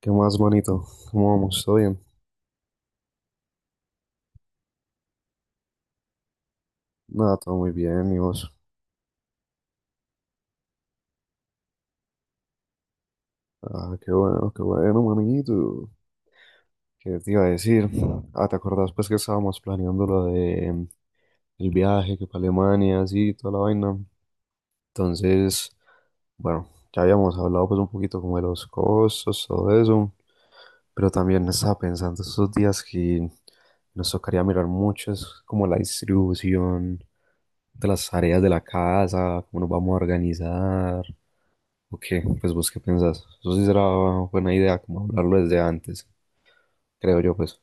¿Qué más, manito? ¿Cómo vamos? ¿Todo bien? Nada, todo muy bien, ¿y vos? Ah, qué bueno, manito. ¿Qué te iba a decir? Ah, ¿te acordás pues que estábamos planeando lo de el viaje, que para Alemania, así, toda la vaina? Entonces, bueno, ya habíamos hablado pues un poquito como de los costos, todo eso, pero también estaba pensando estos días que nos tocaría mirar mucho, es como la distribución de las tareas de la casa, cómo nos vamos a organizar. ¿O qué? Pues vos qué pensás. Eso sí será buena idea, como hablarlo desde antes, creo yo, pues.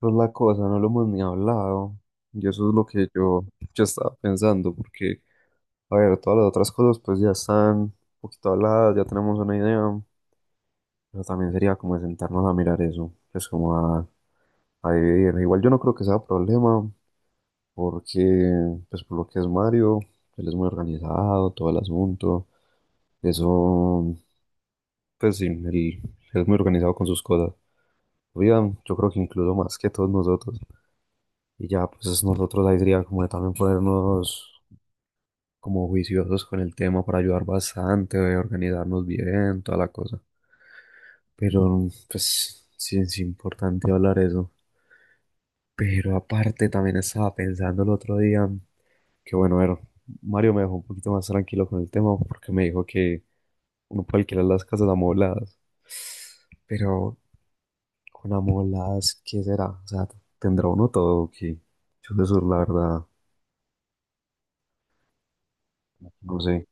Pues la cosa, no lo hemos ni hablado. Y eso es lo que yo estaba pensando, porque, a ver, todas las otras cosas pues ya están un poquito habladas, ya tenemos una idea, pero también sería como de sentarnos a mirar eso, pues como a dividir. Igual yo no creo que sea problema, porque, pues por lo que es Mario, él es muy organizado, todo el asunto, eso, pues sí, él es muy organizado con sus cosas. Oigan, yo creo que incluso más que todos nosotros. Y ya, pues nosotros ahí sería como de también ponernos como juiciosos con el tema para ayudar bastante, organizarnos bien, toda la cosa. Pero, pues, sí es importante hablar eso. Pero aparte, también estaba pensando el otro día que, bueno, a ver, Mario me dejó un poquito más tranquilo con el tema porque me dijo que uno puede alquilar las casas amobladas. Pero con amolas, ¿qué será? O sea, ¿tendrá uno todo o qué? Yo de sur, la verdad, no sé.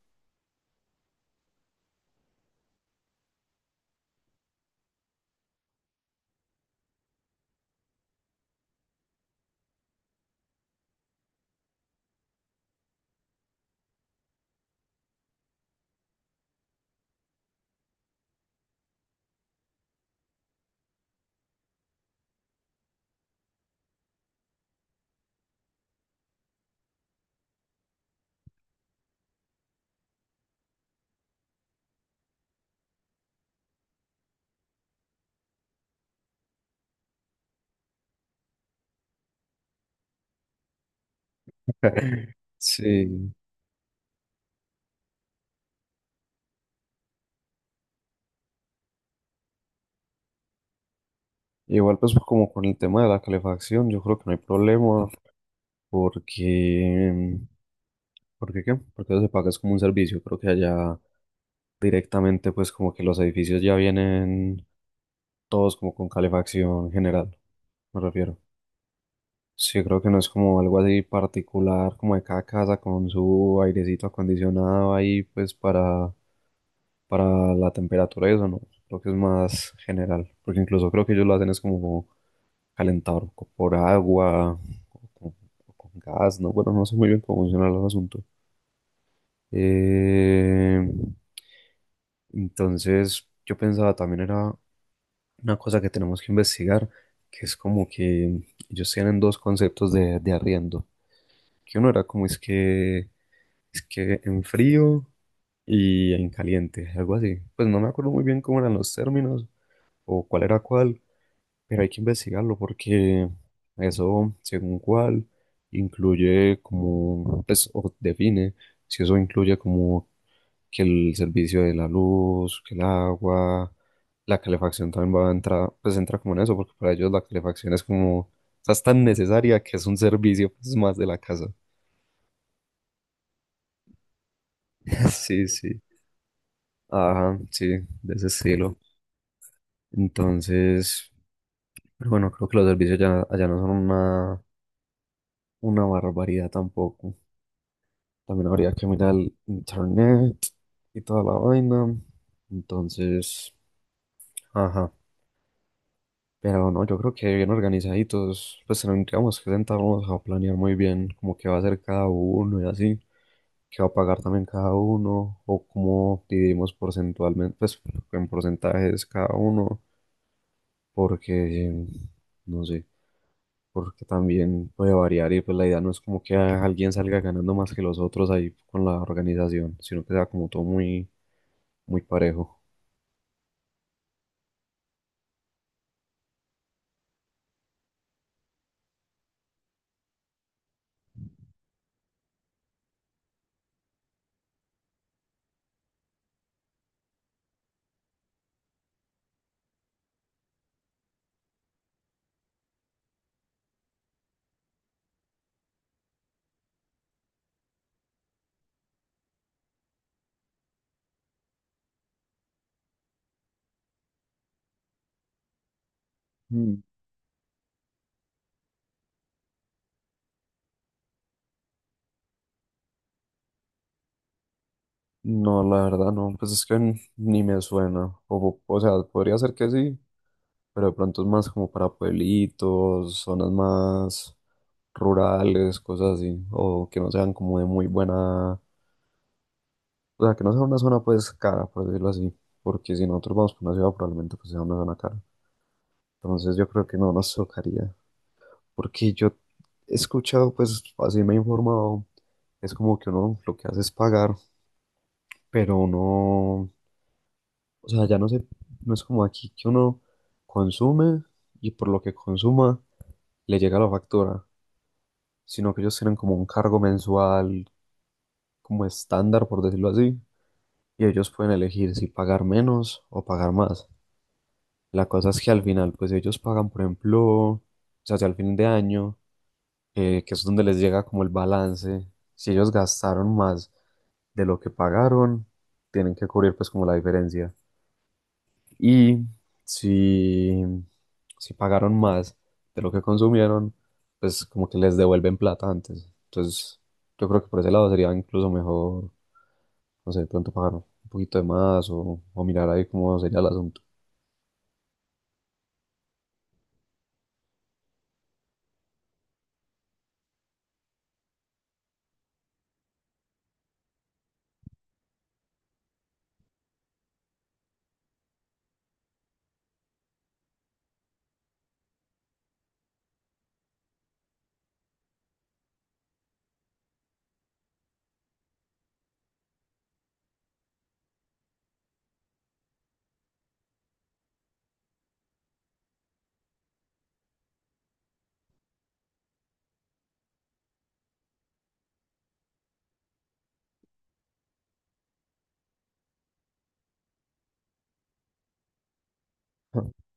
Sí, igual pues como con el tema de la calefacción, yo creo que no hay problema porque, ¿porque qué? Porque eso se paga es como un servicio, creo que allá directamente pues como que los edificios ya vienen todos como con calefacción general, me refiero. Sí, creo que no es como algo así particular, como de cada casa con su airecito acondicionado ahí, pues para la temperatura y eso, no. Creo que es más general, porque incluso creo que ellos lo hacen es como calentador co- por agua o con, o con gas, ¿no? Bueno, no sé muy bien cómo funciona el asunto. Eh, entonces, yo pensaba también era una cosa que tenemos que investigar, que es como que ellos tienen dos conceptos de arriendo. Que uno era como es que en frío y en caliente, algo así. Pues no me acuerdo muy bien cómo eran los términos o cuál era cuál, pero hay que investigarlo porque eso, según cuál, incluye como, pues, o define si eso incluye como que el servicio de la luz, que el agua, la calefacción también va a entrar, pues entra como en eso, porque para ellos la calefacción es como, o sea, es tan necesaria que es un servicio, pues, más de la casa. Sí, sí. Ajá, sí, de ese estilo. Entonces, pero bueno, creo que los servicios ya, allá no son una barbaridad tampoco. También habría que mirar el internet y toda la vaina. Entonces, ajá. Pero no, yo creo que bien organizaditos, pues tendríamos que sentarnos a planear muy bien como qué va a hacer cada uno y así, qué va a pagar también cada uno, o cómo dividimos porcentualmente, pues en porcentajes cada uno, porque no sé. Porque también puede variar y pues la idea no es como que a- alguien salga ganando más que los otros ahí con la organización, sino que sea como todo muy, muy parejo. Mm. No, la verdad no, pues es que n- ni me suena, o sea, podría ser que sí, pero de pronto es más como para pueblitos, zonas más rurales, cosas así, o que no sean como de muy buena, o sea, que no sea una zona pues cara, por decirlo así, porque si nosotros vamos por una ciudad probablemente pues sea una zona cara, entonces yo creo que no nos tocaría. Porque yo he escuchado, pues así me he informado, es como que uno lo que hace es pagar, pero uno, o sea, ya no sé, no es como aquí que uno consume y por lo que consuma le llega la factura, sino que ellos tienen como un cargo mensual, como estándar, por decirlo así, y ellos pueden elegir si pagar menos o pagar más. La cosa es que al final, pues ellos pagan, por ejemplo, o sea, si al fin de año que es donde les llega como el balance. Si ellos gastaron más de lo que pagaron, tienen que cubrir pues como la diferencia. Y si, si pagaron más de lo que consumieron, pues como que les devuelven plata antes. Entonces yo creo que por ese lado sería incluso mejor, no sé, de pronto pagar un poquito de más o mirar ahí cómo sería el asunto.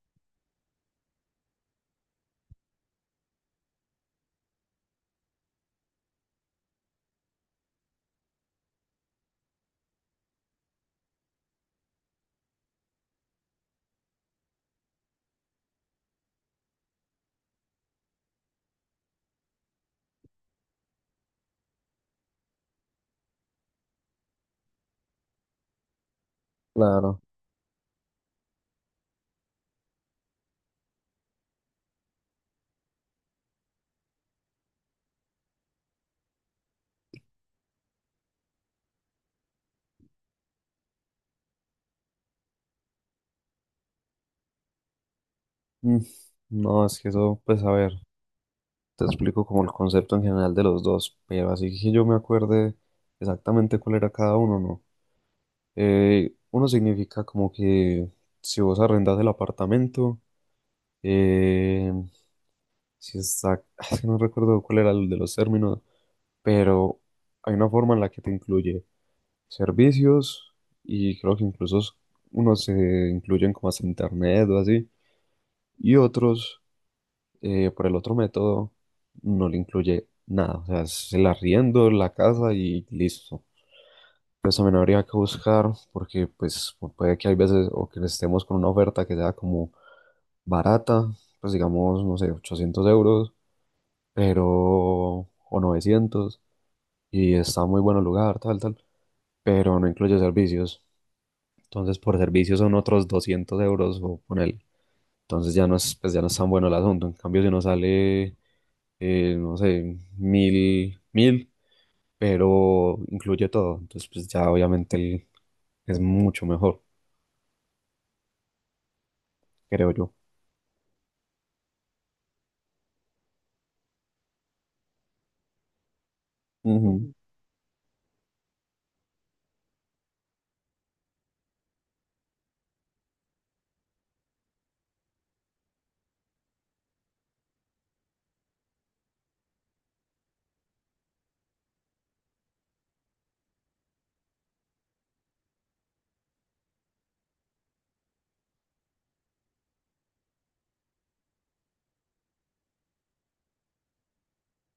Claro. Mm, no, es que eso, pues a ver. Te explico como el concepto en general de los dos, pero así que yo me acuerde exactamente cuál era cada uno, ¿no? Uno significa como que si vos arrendas el apartamento, eh, si está, es que no recuerdo cuál era el de los términos, pero hay una forma en la que te incluye servicios y creo que incluso unos se incluyen como hasta internet o así, y otros por el otro método no le incluye nada, o sea, es el arriendo, la casa y listo. Pues también habría que buscar, porque pues pu- puede que hay veces o que estemos con una oferta que sea como barata, pues digamos, no sé, 800 euros, pero, o 900, y está muy bueno el lugar, tal, tal, pero no incluye servicios. Entonces por servicios son otros 200 euros o poner. Entonces ya no es, pues ya no es tan bueno el asunto. En cambio, si uno sale no sé, mil, mil, pero incluye todo. Entonces, pues ya obviamente el- es mucho mejor, creo yo. Ujú.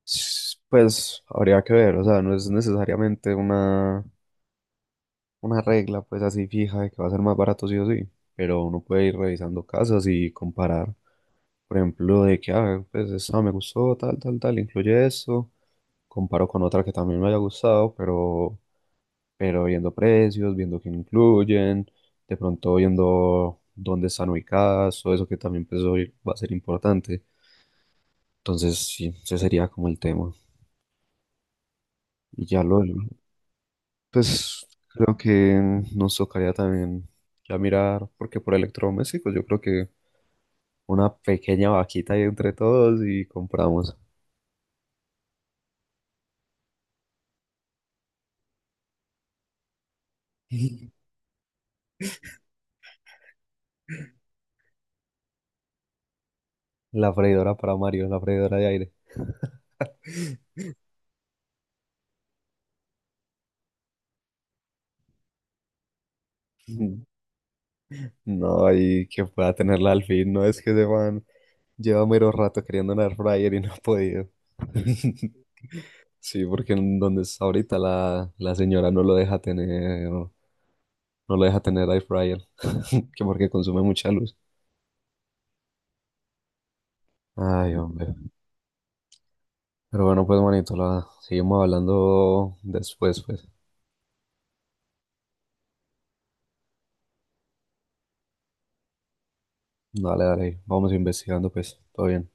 S- Pues habría que ver, o sea, no es necesariamente una regla pues así fija de que va a ser más barato sí o sí, pero uno puede ir revisando casas y comparar, por ejemplo, de que, ah, pues esta me gustó, tal, tal, tal, incluye esto, comparo con otra que también me haya gustado, pero viendo precios, viendo qué incluyen, de pronto viendo dónde están ubicadas, todo eso que también pues, hoy va a ser importante. Entonces, sí, ese sería como el tema. Y ya lo, pues creo que nos tocaría también ya mirar, porque por electrodomésticos yo creo que una pequeña vaquita ahí entre todos y compramos la freidora para Mario, la freidora de aire. No, y que pueda tenerla al fin, no es que se van. Lleva mero rato queriendo un air fryer y no ha podido. Sí, porque en donde está ahorita la, la señora no lo deja tener, no lo deja tener air fryer, que porque consume mucha luz. Ay, hombre. Pero bueno, pues manito, la seguimos hablando después, pues. Dale, dale, vamos investigando, pues. Todo bien.